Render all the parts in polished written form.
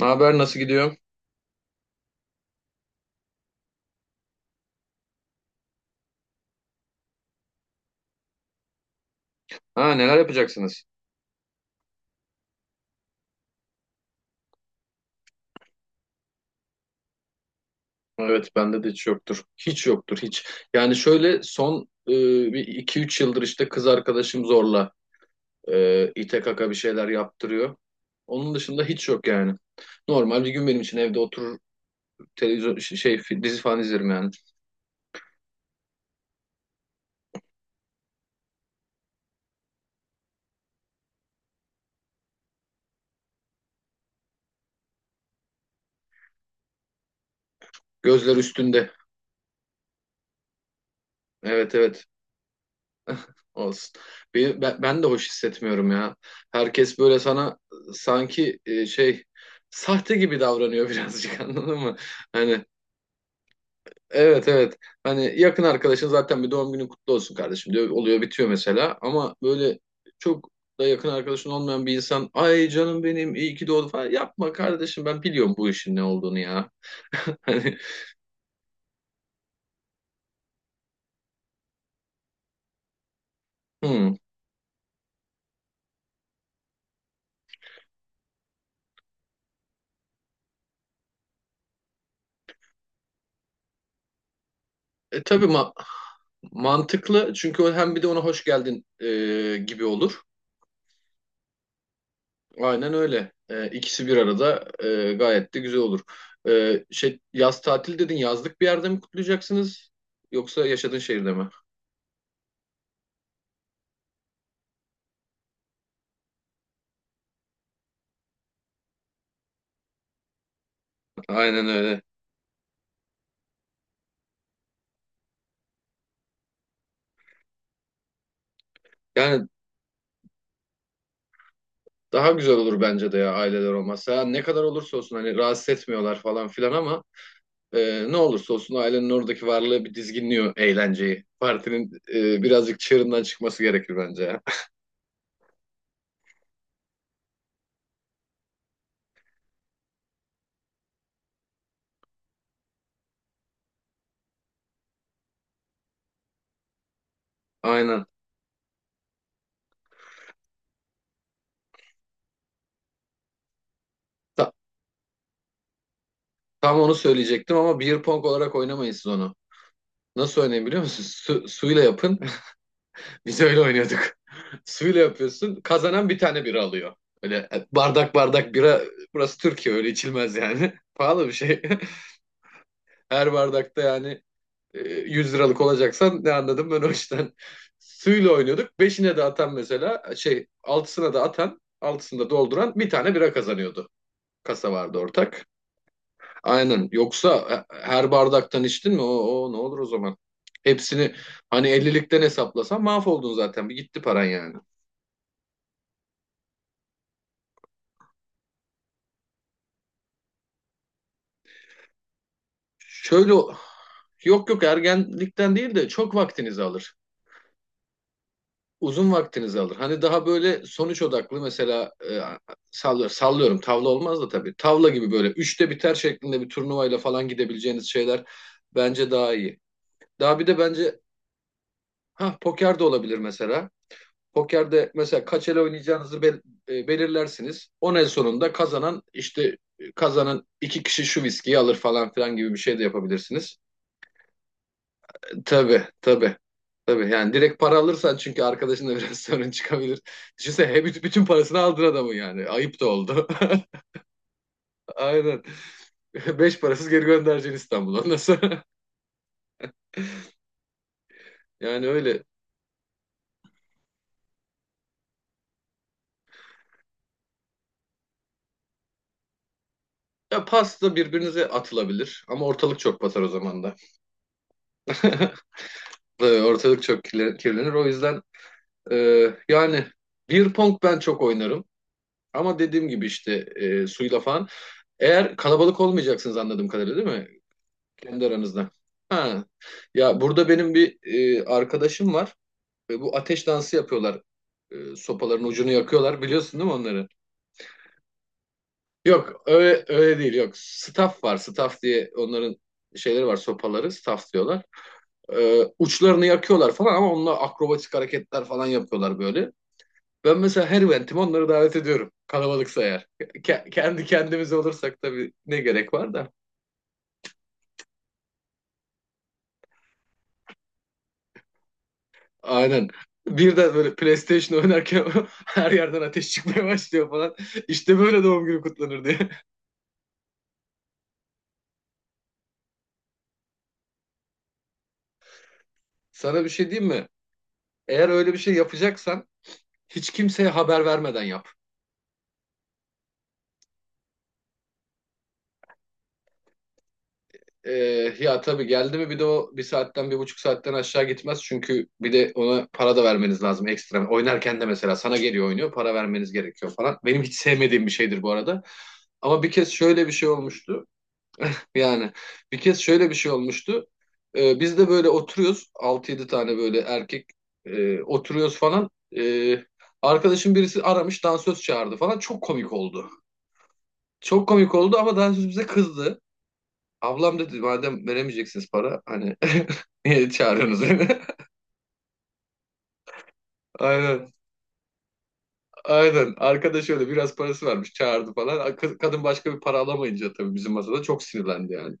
Ne haber, nasıl gidiyor? Ha, neler yapacaksınız? Evet, bende de hiç yoktur. Hiç yoktur hiç. Yani şöyle son e, bir iki üç yıldır işte kız arkadaşım zorla, ite kaka bir şeyler yaptırıyor. Onun dışında hiç yok yani. Normal bir gün benim için evde oturur, televizyon dizi falan izlerim yani. Gözler üstünde. Evet, evet, olsun. Ben de hoş hissetmiyorum ya. Herkes böyle sana, sanki, sahte gibi davranıyor birazcık, anladın mı? Hani. Evet, evet. Hani yakın arkadaşın zaten bir "doğum günün kutlu olsun kardeşim" diyor. Oluyor bitiyor mesela. Ama böyle çok da yakın arkadaşın olmayan bir insan "ay canım benim iyi ki doğdu" falan, yapma kardeşim, ben biliyorum bu işin ne olduğunu ya. Hani. Hmm. Tabii, mantıklı, çünkü o hem bir de ona hoş geldin gibi olur. Aynen öyle. İkisi bir arada, gayet de güzel olur. Yaz tatil dedin, yazlık bir yerde mi kutlayacaksınız yoksa yaşadığın şehirde mi? Aynen öyle. Yani, daha güzel olur bence de, ya aileler olmazsa. Ya ne kadar olursa olsun hani, rahatsız etmiyorlar falan filan ama ne olursa olsun, ailenin oradaki varlığı bir dizginliyor eğlenceyi. Partinin birazcık çığırından çıkması gerekir bence ya. Aynen. Ta- tam onu söyleyecektim ama beer pong olarak oynamayın siz onu. Nasıl oynayın biliyor musunuz? Suyla yapın. Biz öyle oynuyorduk. Suyla yapıyorsun. Kazanan bir tane bira alıyor. Öyle bardak bardak bira. Burası Türkiye, öyle içilmez yani. Pahalı bir şey. Her bardakta yani 100 liralık olacaksan, ne anladım ben o işten. Suyla oynuyorduk. Beşine de atan mesela, altısına da atan, altısında dolduran bir tane bira kazanıyordu. Kasa vardı ortak. Aynen. Yoksa her bardaktan içtin mi, o ne olur o zaman. Hepsini hani ellilikten hesaplasan mahvoldun zaten. Bir gitti paran yani. Şöyle, yok yok, ergenlikten değil de çok vaktinizi alır. Uzun vaktinizi alır. Hani daha böyle sonuç odaklı mesela, sallıyorum, sallıyorum tavla olmaz da tabii. Tavla gibi böyle üçte biter şeklinde bir turnuvayla falan gidebileceğiniz şeyler bence daha iyi. Daha bir de bence, ha, poker de olabilir mesela. Pokerde mesela kaç el oynayacağınızı belirlersiniz. 10 el sonunda kazanan işte, e, kazanan iki kişi şu viskiyi alır falan filan gibi bir şey de yapabilirsiniz. Tabii, tabii. Tabii yani, direkt para alırsan çünkü arkadaşınla biraz sorun çıkabilir. Düşünsene, hep bütün parasını aldın adamın yani. Ayıp da oldu. Aynen. Beş parasız geri göndereceksin İstanbul'a. Nasıl? Yani öyle. Ya pas birbirinize atılabilir. Ama ortalık çok batar o zaman da. Tabii, ortalık çok kirlenir. O yüzden e, yani, bir pong ben çok oynarım. Ama dediğim gibi işte, suyla falan. Eğer kalabalık olmayacaksınız anladığım kadarıyla, değil mi? Kendi aranızda. Ha. Ya burada benim bir arkadaşım var. Bu ateş dansı yapıyorlar. Sopaların ucunu yakıyorlar. Biliyorsun değil mi onları? Yok öyle, öyle değil, yok. Staff var. Staff diye onların şeyleri var, sopaları. Staff diyorlar. Uçlarını yakıyorlar falan ama onunla akrobatik hareketler falan yapıyorlar böyle. Ben mesela her eventime onları davet ediyorum. Kalabalıksa eğer. Kendi kendimiz olursak tabii, ne gerek var da. Aynen. Bir de böyle PlayStation oynarken her yerden ateş çıkmaya başlıyor falan. İşte böyle doğum günü kutlanır diye. Sana bir şey diyeyim mi? Eğer öyle bir şey yapacaksan, hiç kimseye haber vermeden yap. Ee, Ya tabii, geldi mi bir de o, bir saatten bir buçuk saatten aşağı gitmez. Çünkü bir de ona para da vermeniz lazım, ekstra. Oynarken de mesela sana geliyor, oynuyor, para vermeniz gerekiyor falan. Benim hiç sevmediğim bir şeydir bu arada. Ama bir kez şöyle bir şey olmuştu. Yani bir kez şöyle bir şey olmuştu. Biz de böyle oturuyoruz. Altı yedi tane böyle erkek oturuyoruz falan. Ee, Arkadaşım birisi aramış, dansöz çağırdı falan. Çok komik oldu. Çok komik oldu ama dansöz bize kızdı. Ablam dedi "madem veremeyeceksiniz para hani niye çağırıyorsunuz beni?" Aynen, aynen. Arkadaş öyle biraz parası varmış, çağırdı falan. Kadın başka bir para alamayınca tabii bizim masada çok sinirlendi yani.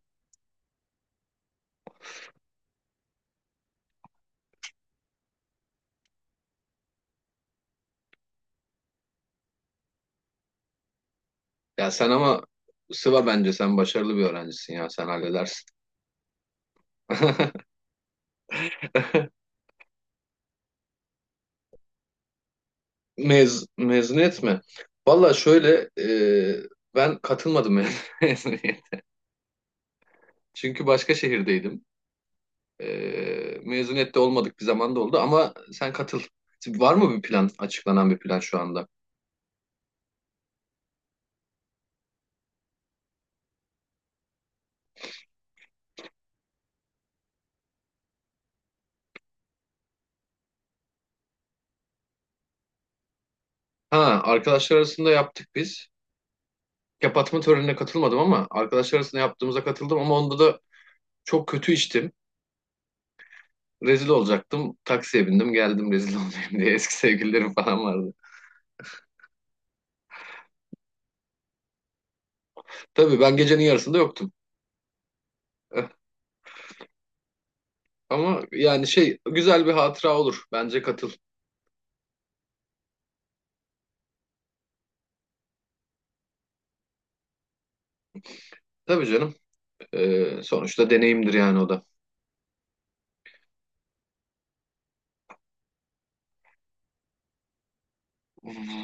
Ya sen ama, sıva bence, sen başarılı bir öğrencisin ya, sen halledersin. Mezuniyet mi? Valla şöyle, ben katılmadım mezuniyet. Çünkü başka şehirdeydim. E, Mezuniyette olmadık bir zamanda oldu ama sen katıl. Var mı bir plan, açıklanan bir plan şu anda? Ha, arkadaşlar arasında yaptık biz. Kapatma törenine katılmadım ama arkadaşlar arasında yaptığımıza katıldım, ama onda da çok kötü içtim. Rezil olacaktım. Taksiye bindim geldim, rezil olmayayım diye. Eski sevgililerim falan vardı. Tabii, ben gecenin yarısında yoktum. Ee, Ama yani güzel bir hatıra olur. Bence katıl. Tabii canım. Sonuçta deneyimdir yani, o da.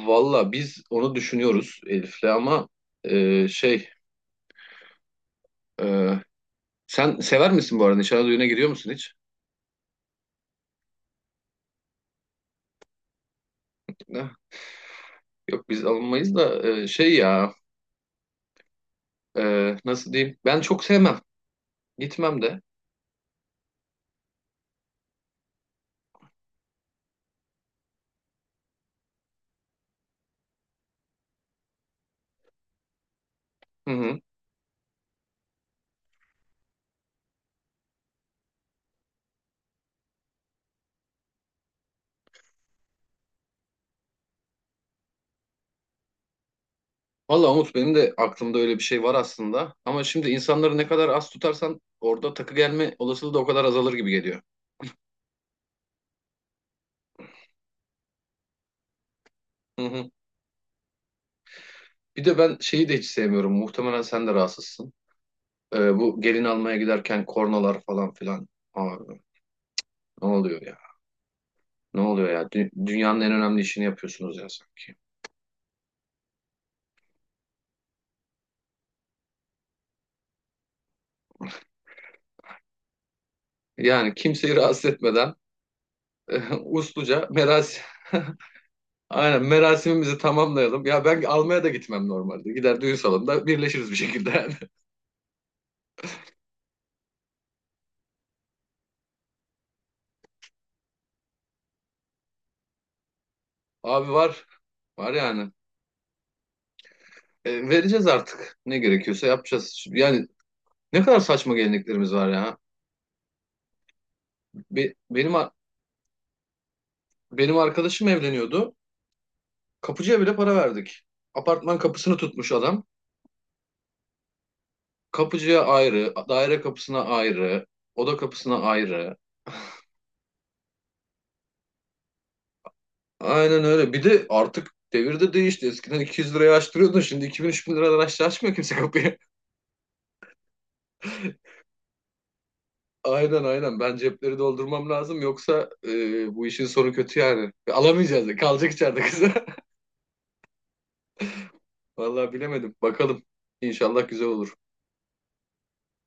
Valla biz onu düşünüyoruz Elif'le ama, e, şey e, sen sever misin bu arada? Nişana, düğüne gidiyor musun hiç? Eh, Yok, biz alınmayız da, ya nasıl diyeyim? Ben çok sevmem. Gitmem de. Hı hı. Valla Umut, benim de aklımda öyle bir şey var aslında. Ama şimdi insanları ne kadar az tutarsan, orada takı gelme olasılığı da o kadar azalır gibi geliyor. Hı hı. Bir de ben şeyi de hiç sevmiyorum. Muhtemelen sen de rahatsızsın. Bu gelin almaya giderken, kornalar falan filan. Abi, ne oluyor ya? Ne oluyor ya? Dünyanın en önemli işini yapıyorsunuz ya sanki. Yani kimseyi rahatsız etmeden, usluca merasim. Aynen, merasimimizi tamamlayalım. Ya ben almaya da gitmem normalde. Gider, düğün salonunda birleşiriz bir şekilde yani. Abi var. Var yani. Vereceğiz artık. Ne gerekiyorsa yapacağız. Yani ne kadar saçma geleneklerimiz var ya. Be- benim Benim arkadaşım evleniyordu. Kapıcıya bile para verdik. Apartman kapısını tutmuş adam. Kapıcıya ayrı, daire kapısına ayrı, oda kapısına ayrı. Aynen öyle. Bir de artık devir de değişti. Eskiden 200 liraya açtırıyordun. Şimdi 2000-3000 liradan aşağı açmıyor kimse kapıyı. Aynen, aynen. Ben cepleri doldurmam lazım. Yoksa bu işin sonu kötü yani. Alamayacağız. Kalacak içeride kızı. Vallahi bilemedim. Bakalım. İnşallah güzel olur.